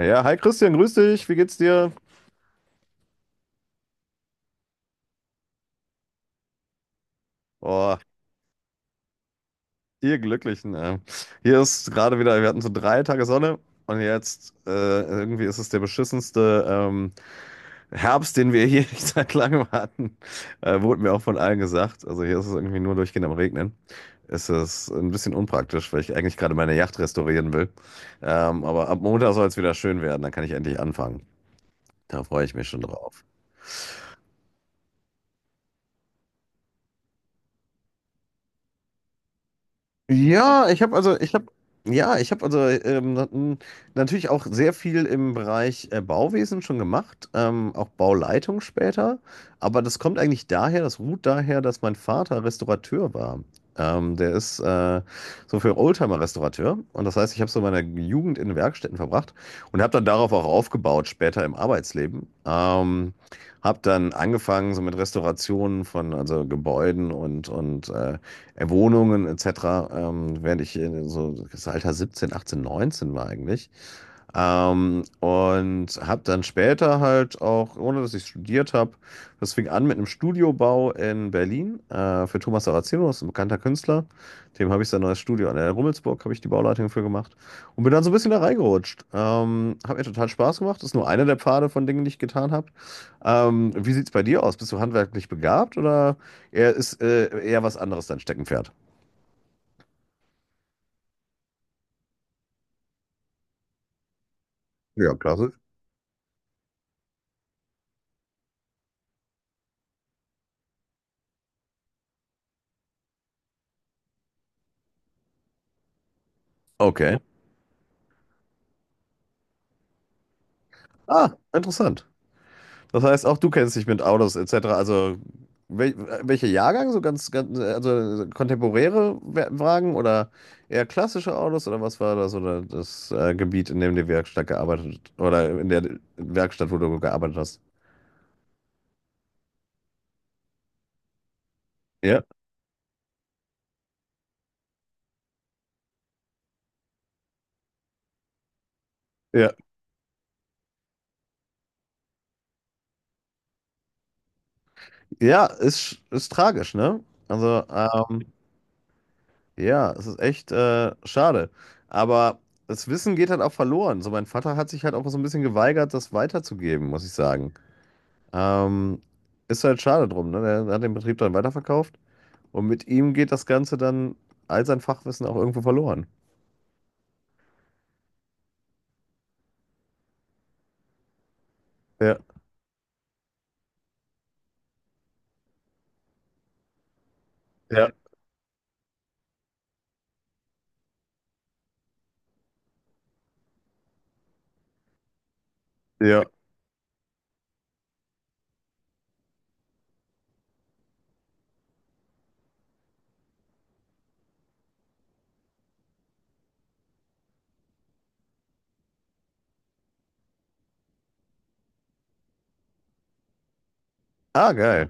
Ja, hi Christian, grüß dich. Wie geht's dir? Oh, ihr Glücklichen. Hier ist gerade wieder, wir hatten so 3 Tage Sonne und jetzt irgendwie ist es der beschissenste Herbst, den wir hier seit langem hatten. Wurde mir auch von allen gesagt. Also hier ist es irgendwie nur durchgehend am Regnen. Es ist ein bisschen unpraktisch, weil ich eigentlich gerade meine Yacht restaurieren will. Aber ab Montag soll es wieder schön werden, dann kann ich endlich anfangen. Da freue ich mich schon drauf. Ja, ich habe also, ich habe, ja, ich habe also natürlich auch sehr viel im Bereich Bauwesen schon gemacht, auch Bauleitung später. Aber das kommt eigentlich daher, das ruht daher, dass mein Vater Restaurateur war. Der ist so für Oldtimer-Restaurateur. Und das heißt, ich habe so meine Jugend in Werkstätten verbracht und habe dann darauf auch aufgebaut, später im Arbeitsleben. Habe dann angefangen so mit Restaurationen von also Gebäuden und Wohnungen etc., während ich in so das Alter 17, 18, 19 war eigentlich. Und habe dann später halt auch, ohne dass ich studiert habe, das fing an mit einem Studiobau in Berlin für Thomas Saraceno, das ist ein bekannter Künstler. Dem habe ich sein neues Studio an der Rummelsburg, habe ich die Bauleitung für gemacht und bin dann so ein bisschen da reingerutscht. Hat mir total Spaß gemacht. Das ist nur einer der Pfade von Dingen, die ich getan habe. Wie sieht es bei dir aus? Bist du handwerklich begabt oder eher ist eher was anderes dein Steckenpferd? Ja, klasse. Okay. Ah, interessant. Das heißt, auch du kennst dich mit Autos etc. Also wel welcher Jahrgang? So ganz, ganz, also kontemporäre Wagen oder eher klassische Autos oder was war da so das Gebiet, in dem die Werkstatt gearbeitet oder in der Werkstatt, wo du gearbeitet hast? Ja, ja, ja, ist tragisch, ne? Also, ja, es ist echt schade. Aber das Wissen geht halt auch verloren. So, mein Vater hat sich halt auch so ein bisschen geweigert, das weiterzugeben, muss ich sagen. Ähm, ist halt schade drum, ne? Der hat den Betrieb dann weiterverkauft und mit ihm geht das Ganze dann all sein Fachwissen auch irgendwo verloren. Ja, ja, ja. Ah, geil.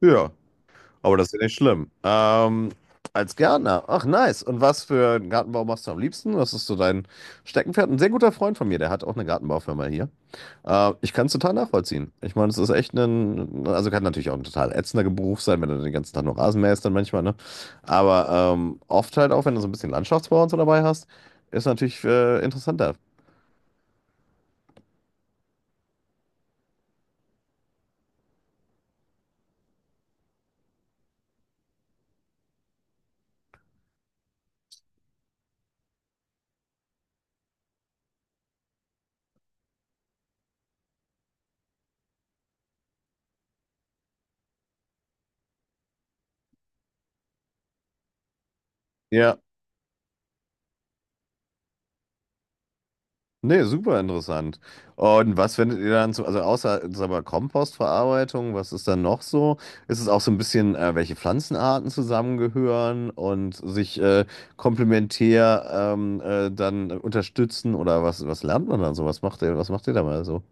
Ja, aber das ist ja nicht schlimm. Als Gärtner. Ach, nice. Und was für einen Gartenbau machst du am liebsten? Was ist so dein Steckenpferd? Ein sehr guter Freund von mir, der hat auch eine Gartenbaufirma hier. Ich kann es total nachvollziehen. Ich meine, es ist echt ein, also kann natürlich auch ein total ätzender Beruf sein, wenn du den ganzen Tag nur Rasen mähst dann manchmal, ne? Aber oft halt auch, wenn du so ein bisschen Landschaftsbau und so dabei hast, ist natürlich interessanter. Ja. Nee, super interessant. Und was findet ihr dann so, also außer sag mal, Kompostverarbeitung, was ist dann noch so? Ist es auch so ein bisschen, welche Pflanzenarten zusammengehören und sich komplementär dann unterstützen oder was lernt man dann so? Was macht ihr da mal so?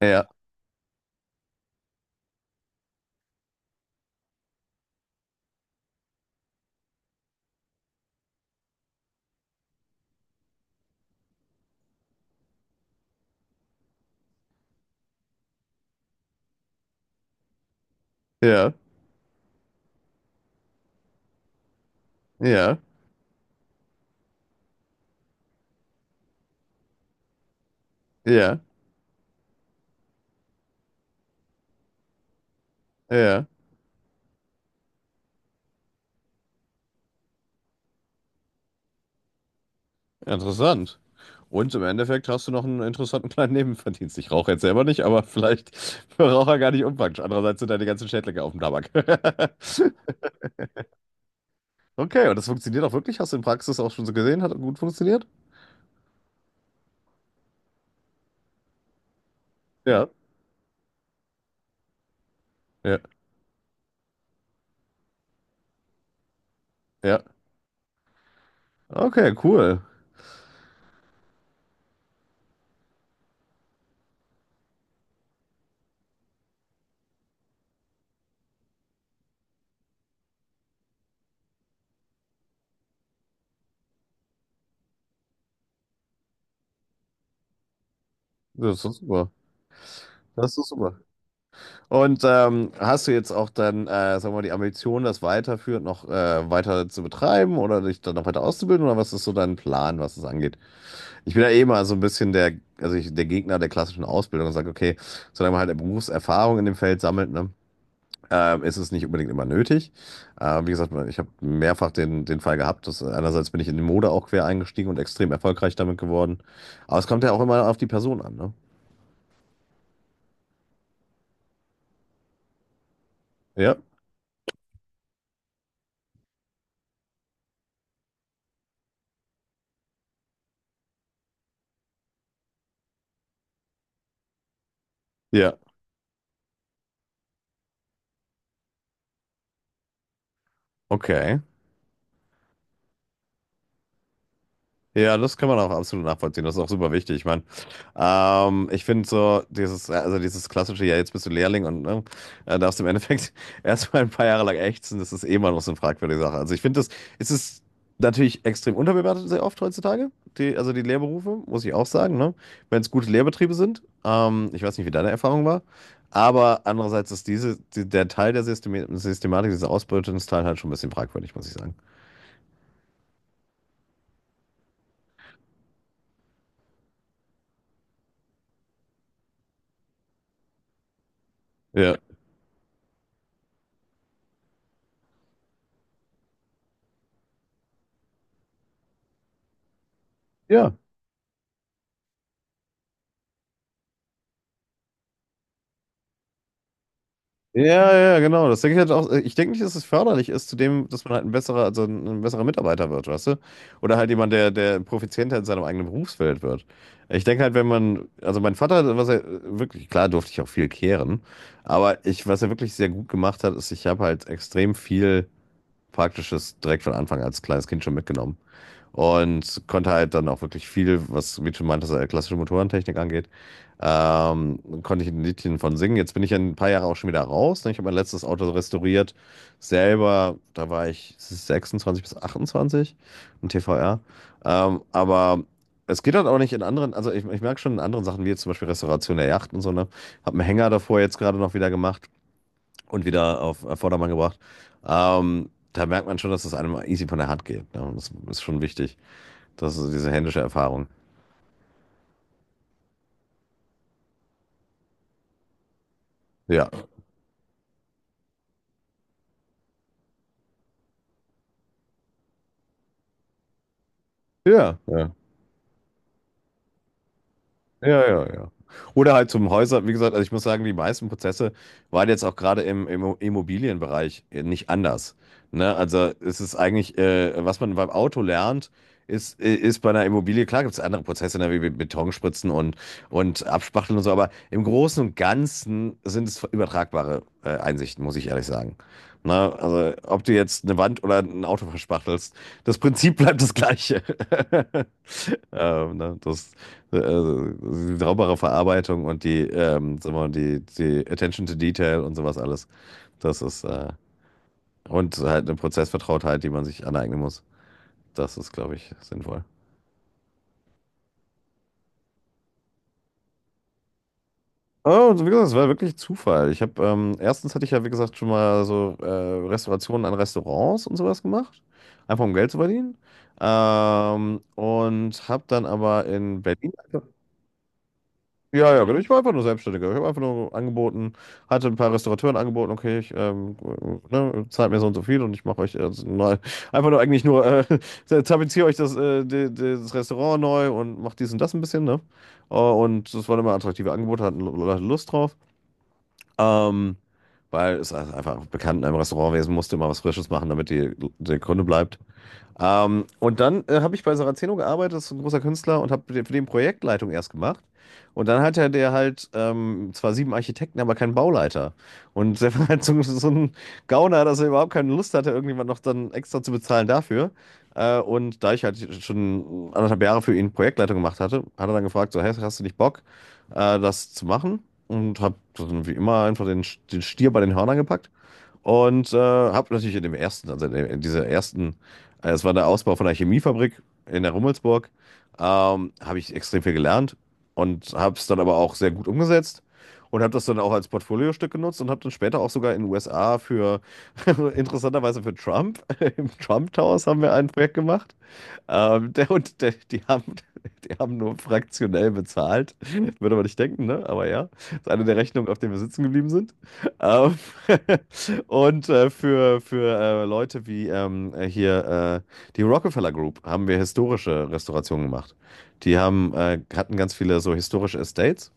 Ja, ja, ja, ja, ja. Interessant. Und im Endeffekt hast du noch einen interessanten kleinen Nebenverdienst. Ich rauche jetzt selber nicht, aber vielleicht für Raucher gar nicht unpraktisch. Andererseits sind deine ganzen Schädlinge auf dem Tabak. Okay, und das funktioniert auch wirklich? Hast du in Praxis auch schon so gesehen? Hat gut funktioniert? Ja, ja, ja. Okay, cool. Das ist super. Das ist super. Und hast du jetzt auch dann, sagen wir mal, die Ambition, das weiterführend noch weiter zu betreiben oder dich dann noch weiter auszubilden? Oder was ist so dein Plan, was es angeht? Ich bin ja eh mal so ein bisschen der Gegner der klassischen Ausbildung und sage, okay, solange man halt eine Berufserfahrung in dem Feld sammelt, ne, ist es nicht unbedingt immer nötig. Wie gesagt, ich habe mehrfach den Fall gehabt, dass einerseits bin ich in die Mode auch quer eingestiegen und extrem erfolgreich damit geworden. Aber es kommt ja auch immer auf die Person an, ne? Ja, ja, okay. Ja, das kann man auch absolut nachvollziehen. Das ist auch super wichtig. Ich meine, ich finde so dieses, also dieses klassische, ja, jetzt bist du Lehrling und ne, darfst im Endeffekt erstmal ein paar Jahre lang ächzen, das ist eh mal noch so eine fragwürdige Sache. Also ich finde das, es ist natürlich extrem unterbewertet sehr oft heutzutage, die, also die Lehrberufe, muss ich auch sagen, ne? Wenn es gute Lehrbetriebe sind. Ich weiß nicht, wie deine Erfahrung war, aber andererseits ist der Teil der Systematik, dieser Ausbeutungsteil halt schon ein bisschen fragwürdig, muss ich sagen. Ja. Ja. Ja, ja, ja, genau. Das denke ich halt auch. Ich denke nicht, dass es förderlich ist zu dem, dass man halt ein besserer Mitarbeiter wird, weißt du? Oder halt jemand, der profizienter in seinem eigenen Berufsfeld wird. Ich denke halt, wenn man, also mein Vater, was er wirklich, klar durfte ich auch viel kehren, aber was er wirklich sehr gut gemacht hat, ist, ich habe halt extrem viel Praktisches direkt von Anfang als kleines Kind schon mitgenommen. Und konnte halt dann auch wirklich viel, was, wie du schon meintest, klassische Motorentechnik angeht, konnte ich ein Liedchen von singen. Jetzt bin ich ja ein paar Jahre auch schon wieder raus. Ne? Ich habe mein letztes Auto restauriert. Selber, da war ich 26 bis 28 im TVR. Aber es geht halt auch nicht in anderen, also ich merke schon in anderen Sachen, wie jetzt zum Beispiel Restauration der Yacht und so, ne? Habe einen Hänger davor jetzt gerade noch wieder gemacht und wieder auf Vordermann gebracht. Da merkt man schon, dass es einem easy von der Hand geht. Ne? Und das ist schon wichtig. Das ist diese händische Erfahrung. Ja. Ja. Ja. Ja, ja, ja. Oder halt zum Häuser, wie gesagt, also ich muss sagen, die meisten Prozesse waren jetzt auch gerade im, im Immobilienbereich nicht anders. Ne? Also es ist eigentlich, was man beim Auto lernt, ist bei einer Immobilie, klar gibt es andere Prozesse, ne, wie Betonspritzen und Abspachteln und so, aber im Großen und Ganzen sind es übertragbare Einsichten, muss ich ehrlich sagen. Ne? Also ob du jetzt eine Wand oder ein Auto verspachtelst, das Prinzip bleibt das gleiche. Ne? Das, also, die saubere Verarbeitung und die, sagen wir mal, die Attention to Detail und sowas alles. Das ist, und halt eine Prozessvertrautheit, die man sich aneignen muss. Das ist, glaube ich, sinnvoll. Oh, wie gesagt, es war wirklich Zufall. Ich habe, erstens hatte ich ja, wie gesagt, schon mal so Restaurationen an Restaurants und sowas gemacht. Einfach um Geld zu verdienen. Und habe dann aber in Berlin. Ja, ja, genau. Ich war einfach nur Selbstständiger. Ich habe einfach nur angeboten, hatte ein paar Restaurateuren angeboten, okay, ich ne, zahlt mir so und so viel und ich mache euch mal einfach nur eigentlich nur tapeziere euch das, das Restaurant neu und mache dies und das ein bisschen, ne? Und das waren immer attraktive Angebote, hatten Leute Lust drauf. Ähm, Weil es einfach bekannt in einem Restaurantwesen musste immer was Frisches machen, damit die, der Kunde bleibt. Und dann habe ich bei Saraceno gearbeitet, das ist ein großer Künstler, und habe für den Projektleitung erst gemacht. Und dann hatte der halt zwar sieben Architekten, aber keinen Bauleiter. Und der war halt so, so ein Gauner, dass er überhaupt keine Lust hatte, irgendjemand noch dann extra zu bezahlen dafür. Und da ich halt schon anderthalb Jahre für ihn Projektleitung gemacht hatte, hat er dann gefragt, so, hey, hast du nicht Bock, das zu machen? Und habe dann wie immer einfach den, den Stier bei den Hörnern gepackt und habe natürlich in dem ersten, also in dieser ersten, es war der Ausbau von einer Chemiefabrik in der Rummelsburg, habe ich extrem viel gelernt und habe es dann aber auch sehr gut umgesetzt und habe das dann auch als Portfoliostück genutzt und habe dann später auch sogar in den USA für, interessanterweise für Trump, im Trump Towers haben wir ein Projekt gemacht. Der, und der, die haben nur fraktionell bezahlt. Würde man nicht denken, ne? Aber ja. Das ist eine der Rechnungen, auf denen wir sitzen geblieben sind. Ähm, und für Leute wie hier die Rockefeller Group haben wir historische Restaurationen gemacht. Die hatten ganz viele so historische Estates.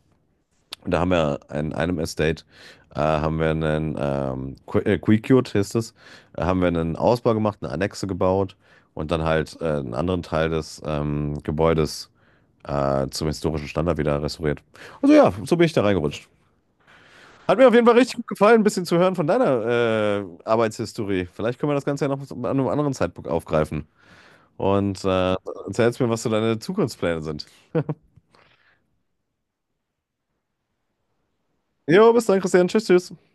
Und da haben wir in einem Estate, haben wir einen, Quicute hieß es, haben wir einen Ausbau gemacht, eine Annexe gebaut und dann halt einen anderen Teil des Gebäudes zum historischen Standard wieder restauriert. Also ja, so bin ich da reingerutscht. Hat mir auf jeden Fall richtig gut gefallen, ein bisschen zu hören von deiner Arbeitshistorie. Vielleicht können wir das Ganze ja noch an einem anderen Zeitpunkt aufgreifen. Und erzählst mir, was so deine Zukunftspläne sind. Jo, bis dann, Christian. Tschüss, tschüss.